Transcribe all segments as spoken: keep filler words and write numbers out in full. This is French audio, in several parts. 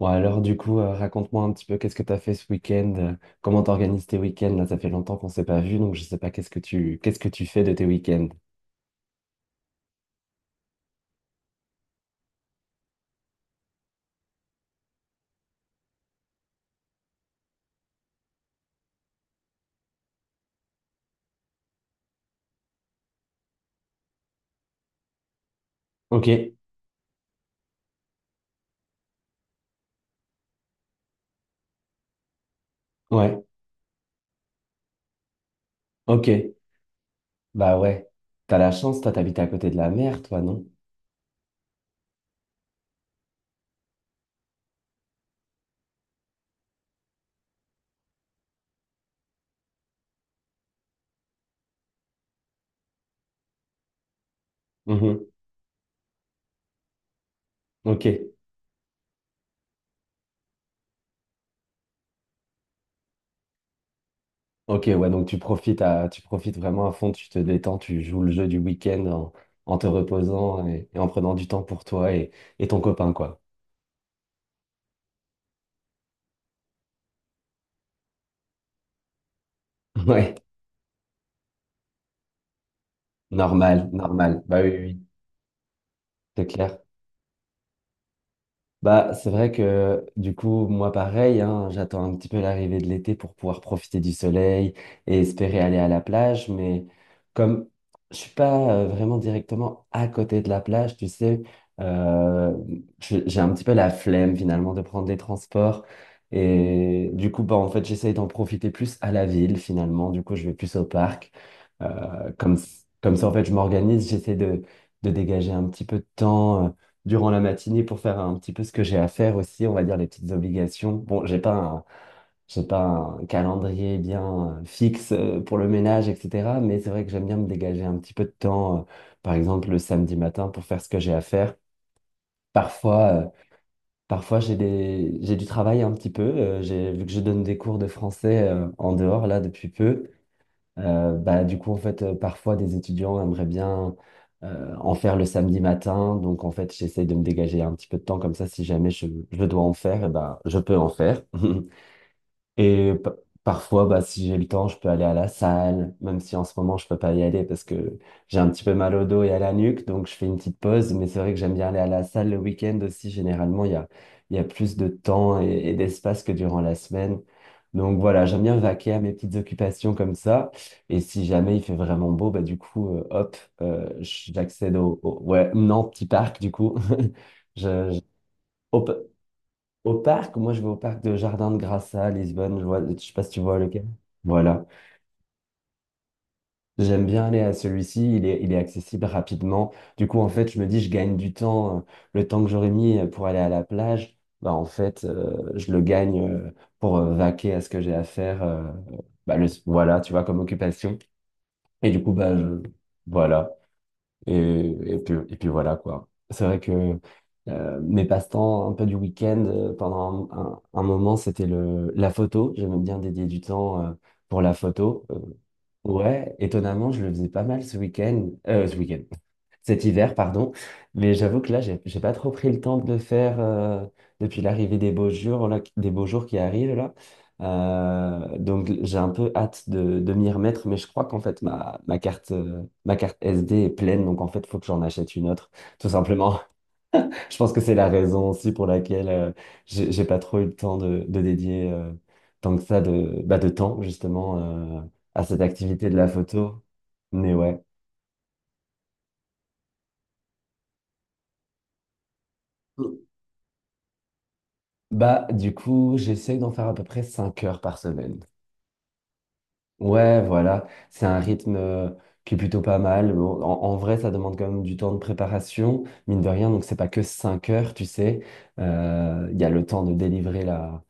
Bon, alors du coup, euh, raconte-moi un petit peu qu'est-ce que tu as fait ce week-end, euh, comment t'organises tes week-ends, là ça fait longtemps qu'on s'est pas vu, donc je sais pas qu'est-ce que tu qu'est-ce que tu fais de tes week-ends. Ok, ouais, ok, bah ouais, t'as la chance, toi t'habites à côté de la mer, toi, non? Mhm. Ok, ok, ouais, donc tu profites à tu profites vraiment à fond, tu te détends, tu joues le jeu du week-end en, en, te reposant et, et en prenant du temps pour toi et, et ton copain, quoi. Ouais, normal, normal, bah oui, oui, oui, c'est clair. Bah, c'est vrai que du coup, moi pareil, hein, j'attends un petit peu l'arrivée de l'été pour pouvoir profiter du soleil et espérer aller à la plage, mais comme je suis pas euh, vraiment directement à côté de la plage, tu sais, euh, je- j'ai un petit peu la flemme finalement de prendre des transports. Et du coup, bah, en fait, j'essaye d'en profiter plus à la ville finalement. Du coup, je vais plus au parc. Euh, comme, comme ça, en fait, je m'organise, j'essaie de, de dégager un petit peu de temps, euh, durant la matinée pour faire un petit peu ce que j'ai à faire aussi, on va dire les petites obligations. Bon, j'ai pas un, j'ai pas un calendrier bien euh, fixe euh, pour le ménage, etc. Mais c'est vrai que j'aime bien me dégager un petit peu de temps, euh, par exemple le samedi matin pour faire ce que j'ai à faire. Parfois, euh, Parfois j'ai des, j'ai du travail un petit peu. Euh, j'ai, vu que je donne des cours de français euh, en dehors là depuis peu. Euh, bah, du coup, en fait, euh, parfois, des étudiants aimeraient bien euh, en faire le samedi matin. Donc, en fait, j'essaie de me dégager un petit peu de temps. Comme ça, si jamais je, je dois en faire, eh ben, je peux en faire. Et pa- parfois, bah, si j'ai le temps, je peux aller à la salle, même si en ce moment, je peux pas y aller parce que j'ai un petit peu mal au dos et à la nuque, donc je fais une petite pause. Mais c'est vrai que j'aime bien aller à la salle le week-end aussi. Généralement, il y a, il y a plus de temps et, et d'espace que durant la semaine. Donc voilà, j'aime bien vaquer à mes petites occupations comme ça. Et si jamais il fait vraiment beau, bah, du coup, euh, hop, euh, j'accède au, au- ouais, non, petit parc, du coup. Je, je- Hop au parc, moi je vais au parc de Jardin de Grassa à Lisbonne, je vois, je sais pas si tu vois lequel. Voilà. J'aime bien aller à celui-ci, il est, il est accessible rapidement. Du coup, en fait, je me dis, je gagne du temps. euh, Le temps que j'aurais mis euh, pour aller à la plage, bah en fait, euh, je le gagne euh, pour euh, vaquer à ce que j'ai à faire. Euh, bah, le- voilà, tu vois, comme occupation. Et du coup, bah, je- voilà. Et, et puis, et puis voilà, quoi. C'est vrai que euh, mes passe-temps un peu du week-end, euh, pendant un, un- un moment, c'était le, la photo. J'aimais bien dédier du temps euh, pour la photo. Euh, ouais, étonnamment, je le faisais pas mal ce week-end. Euh, ce week-end. Cet hiver, pardon. Mais j'avoue que là, j'ai j'ai pas trop pris le temps de le faire euh, depuis l'arrivée des beaux jours, là, qui- des beaux jours qui arrivent là. Euh, donc j'ai un peu hâte de, de, m'y remettre, mais je crois qu'en fait ma, ma carte euh, ma carte S D est pleine, donc en fait faut que j'en achète une autre, tout simplement. Je pense que c'est la raison aussi pour laquelle euh, j'ai j'ai pas trop eu le temps de, de dédier euh, tant que ça de, bah, de temps justement euh, à cette activité de la photo. Mais ouais. Bah, du coup, j'essaye d'en faire à peu près cinq heures par semaine. Ouais, voilà, c'est un rythme euh, qui est plutôt pas mal. Bon, en, en vrai, ça demande quand même du temps de préparation, mine de rien, donc c'est pas que cinq heures, tu sais. Euh, Il y a le temps de délivrer la,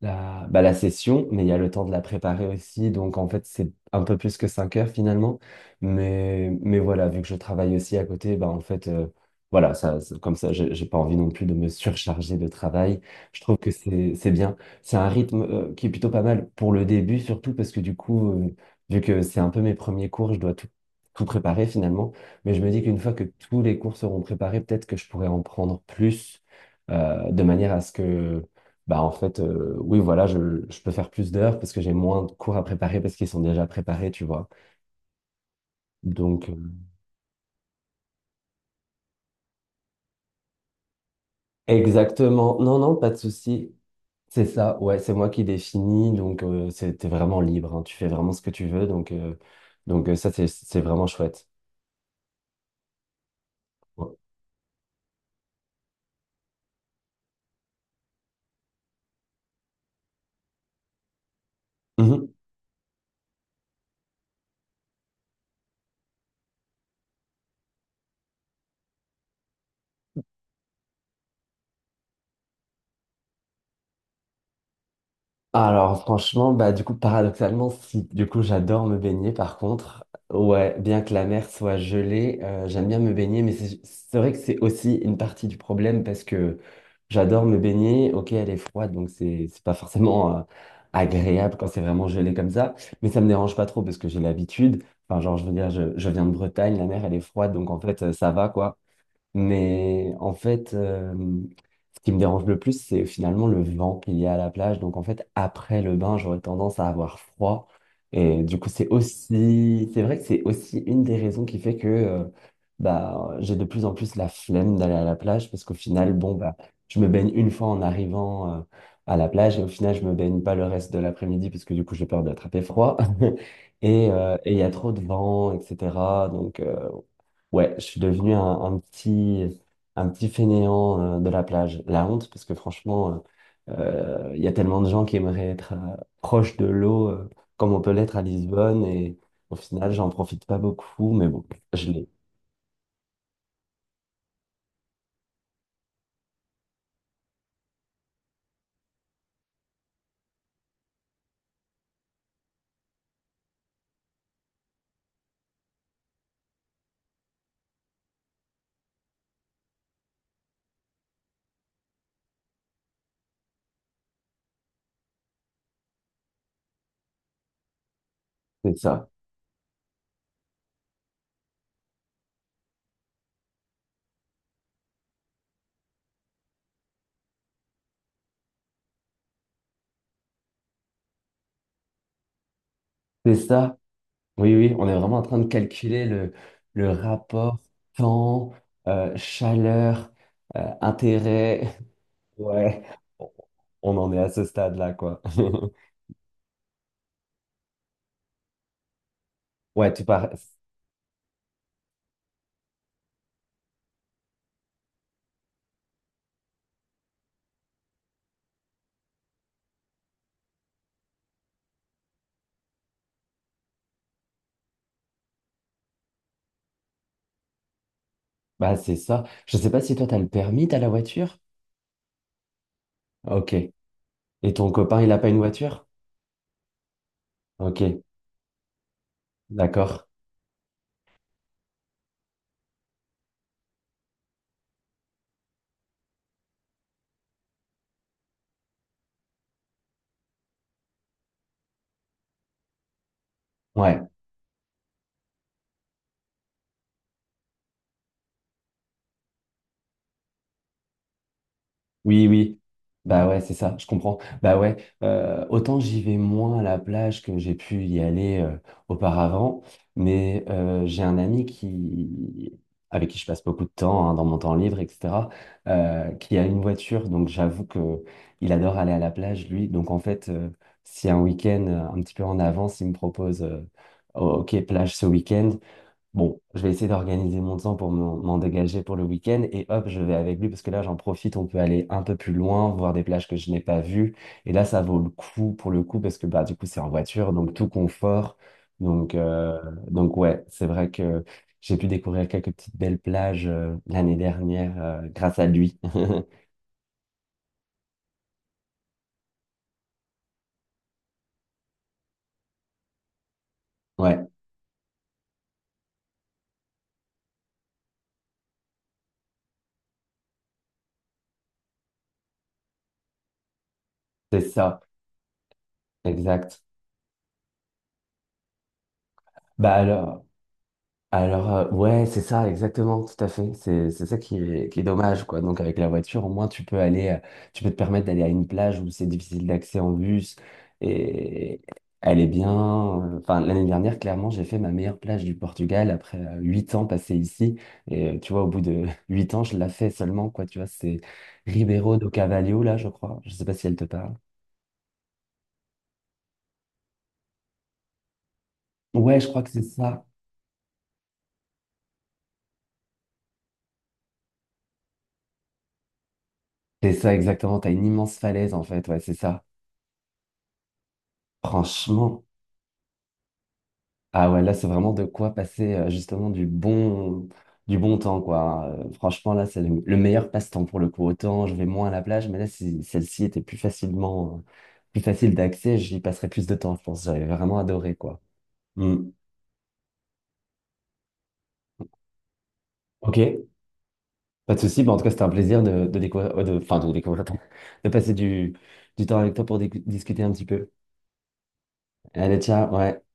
la, bah, la session, mais il y a le temps de la préparer aussi, donc en fait, c'est un peu plus que cinq heures finalement. Mais, mais voilà, vu que je travaille aussi à côté, bah, en fait, euh, voilà, ça, ça- comme ça, j'ai j'ai pas envie non plus de me surcharger de travail. Je trouve que c'est c'est bien. C'est un rythme euh, qui est plutôt pas mal pour le début, surtout parce que du coup, euh, vu que c'est un peu mes premiers cours, je dois tout, tout préparer finalement. Mais je me dis qu'une fois que tous les cours seront préparés, peut-être que je pourrais en prendre plus euh, de manière à ce que, bah en fait, euh, oui, voilà, je, je peux faire plus d'heures parce que j'ai moins de cours à préparer parce qu'ils sont déjà préparés, tu vois. Donc, euh, exactement. Non, non, pas de souci. C'est ça, ouais, c'est moi qui définis, donc euh, c'est- t'es vraiment libre, hein, tu fais vraiment ce que tu veux, donc, euh, donc euh, ça c'est c'est vraiment chouette. Ouais. Alors franchement, bah du coup paradoxalement, si du coup j'adore me baigner par contre, ouais, bien que la mer soit gelée, euh, j'aime bien me baigner, mais c'est c'est vrai que c'est aussi une partie du problème parce que j'adore me baigner, ok elle est froide donc c'est c'est pas forcément euh, agréable quand c'est vraiment gelé comme ça, mais ça me dérange pas trop parce que j'ai l'habitude, enfin genre je veux dire je, je viens de Bretagne, la mer elle est froide donc en fait euh, ça va quoi. Mais en fait, euh, ce qui me dérange le plus, c'est finalement le vent qu'il y a à la plage. Donc en fait, après le bain, j'aurais tendance à avoir froid. Et du coup, c'est aussi, c'est vrai que c'est aussi une des raisons qui fait que euh, bah, j'ai de plus en plus la flemme d'aller à la plage parce qu'au final, bon, bah, je me baigne une fois en arrivant euh, à la plage et au final, je me baigne pas le reste de l'après-midi parce que du coup, j'ai peur d'attraper froid. Et euh, et il y a trop de vent, etc. Donc, euh, Ouais, je suis devenu un, un petit, un petit fainéant euh, de la plage. La honte, parce que franchement, euh, euh, il y a tellement de gens qui aimeraient être euh, proche de l'eau, euh, comme on peut l'être à Lisbonne, et au final, j'en profite pas beaucoup, mais bon, je l'ai. C'est ça. C'est ça. Oui, oui, on est vraiment en train de calculer le, le rapport temps, euh, chaleur, euh, intérêt. Ouais, on on en est à ce stade-là, quoi. Ouais, tu pars. Bah, c'est ça. Je sais pas si toi, t'as le permis, t'as la voiture? Ok. Et ton copain, il a pas une voiture? Ok, d'accord. Ouais. Oui, oui. Bah ouais, c'est ça, je comprends. Bah ouais, euh, autant j'y vais moins à la plage que j'ai pu y aller euh, auparavant, mais euh, j'ai un ami qui, avec qui je passe beaucoup de temps hein, dans mon temps libre, etc, euh, qui a une voiture, donc j'avoue que il adore aller à la plage, lui. Donc en fait, euh, si un week-end euh, un petit peu en avance, il me propose, euh, Oh, ok, plage ce week-end, Bon, je vais essayer d'organiser mon temps pour m'en m'en dégager pour le week-end et hop, je vais avec lui parce que là, j'en profite, on peut aller un peu plus loin, voir des plages que je n'ai pas vues. Et là, ça vaut le coup pour le coup parce que bah, du coup, c'est en voiture, donc tout confort. Donc, euh, donc ouais, c'est vrai que j'ai pu découvrir quelques petites belles plages euh, l'année dernière euh, grâce à lui. Ouais, c'est ça, exact. Bah alors. Alors, euh, ouais, c'est ça, exactement, tout à fait. C'est c'est ça qui est, qui est, dommage, quoi. Donc, avec la voiture, au moins, tu peux aller, euh, tu peux te permettre d'aller à une plage où c'est difficile d'accès en bus. Et elle est bien. Enfin, l'année dernière, clairement, j'ai fait ma meilleure plage du Portugal après euh, huit ans passés ici. Et euh, tu vois, au bout de huit ans, je la fais seulement, quoi. Tu vois, c'est Ribeiro do Cavalho, là, je crois. Je sais pas si elle te parle. Ouais, je crois que c'est ça. C'est ça, exactement. T'as une immense falaise, en fait. Ouais, c'est ça. Franchement. Ah ouais, là, c'est vraiment de quoi passer euh, justement du bon, du bon temps, quoi. Euh, franchement, là, c'est le, le meilleur passe-temps pour le coup. Autant, je vais moins à la plage, mais là, si celle-ci était plus facilement, euh, plus facile d'accès, j'y passerais plus de temps, je pense. J'avais vraiment adoré, quoi. Hmm. Ok, pas de souci. Bah, en tout cas, c'était un plaisir de, de, découvrir, euh, de, enfin, de découvrir, attends, de passer du, du temps avec toi pour di- discuter un petit peu. Allez, ciao, ouais.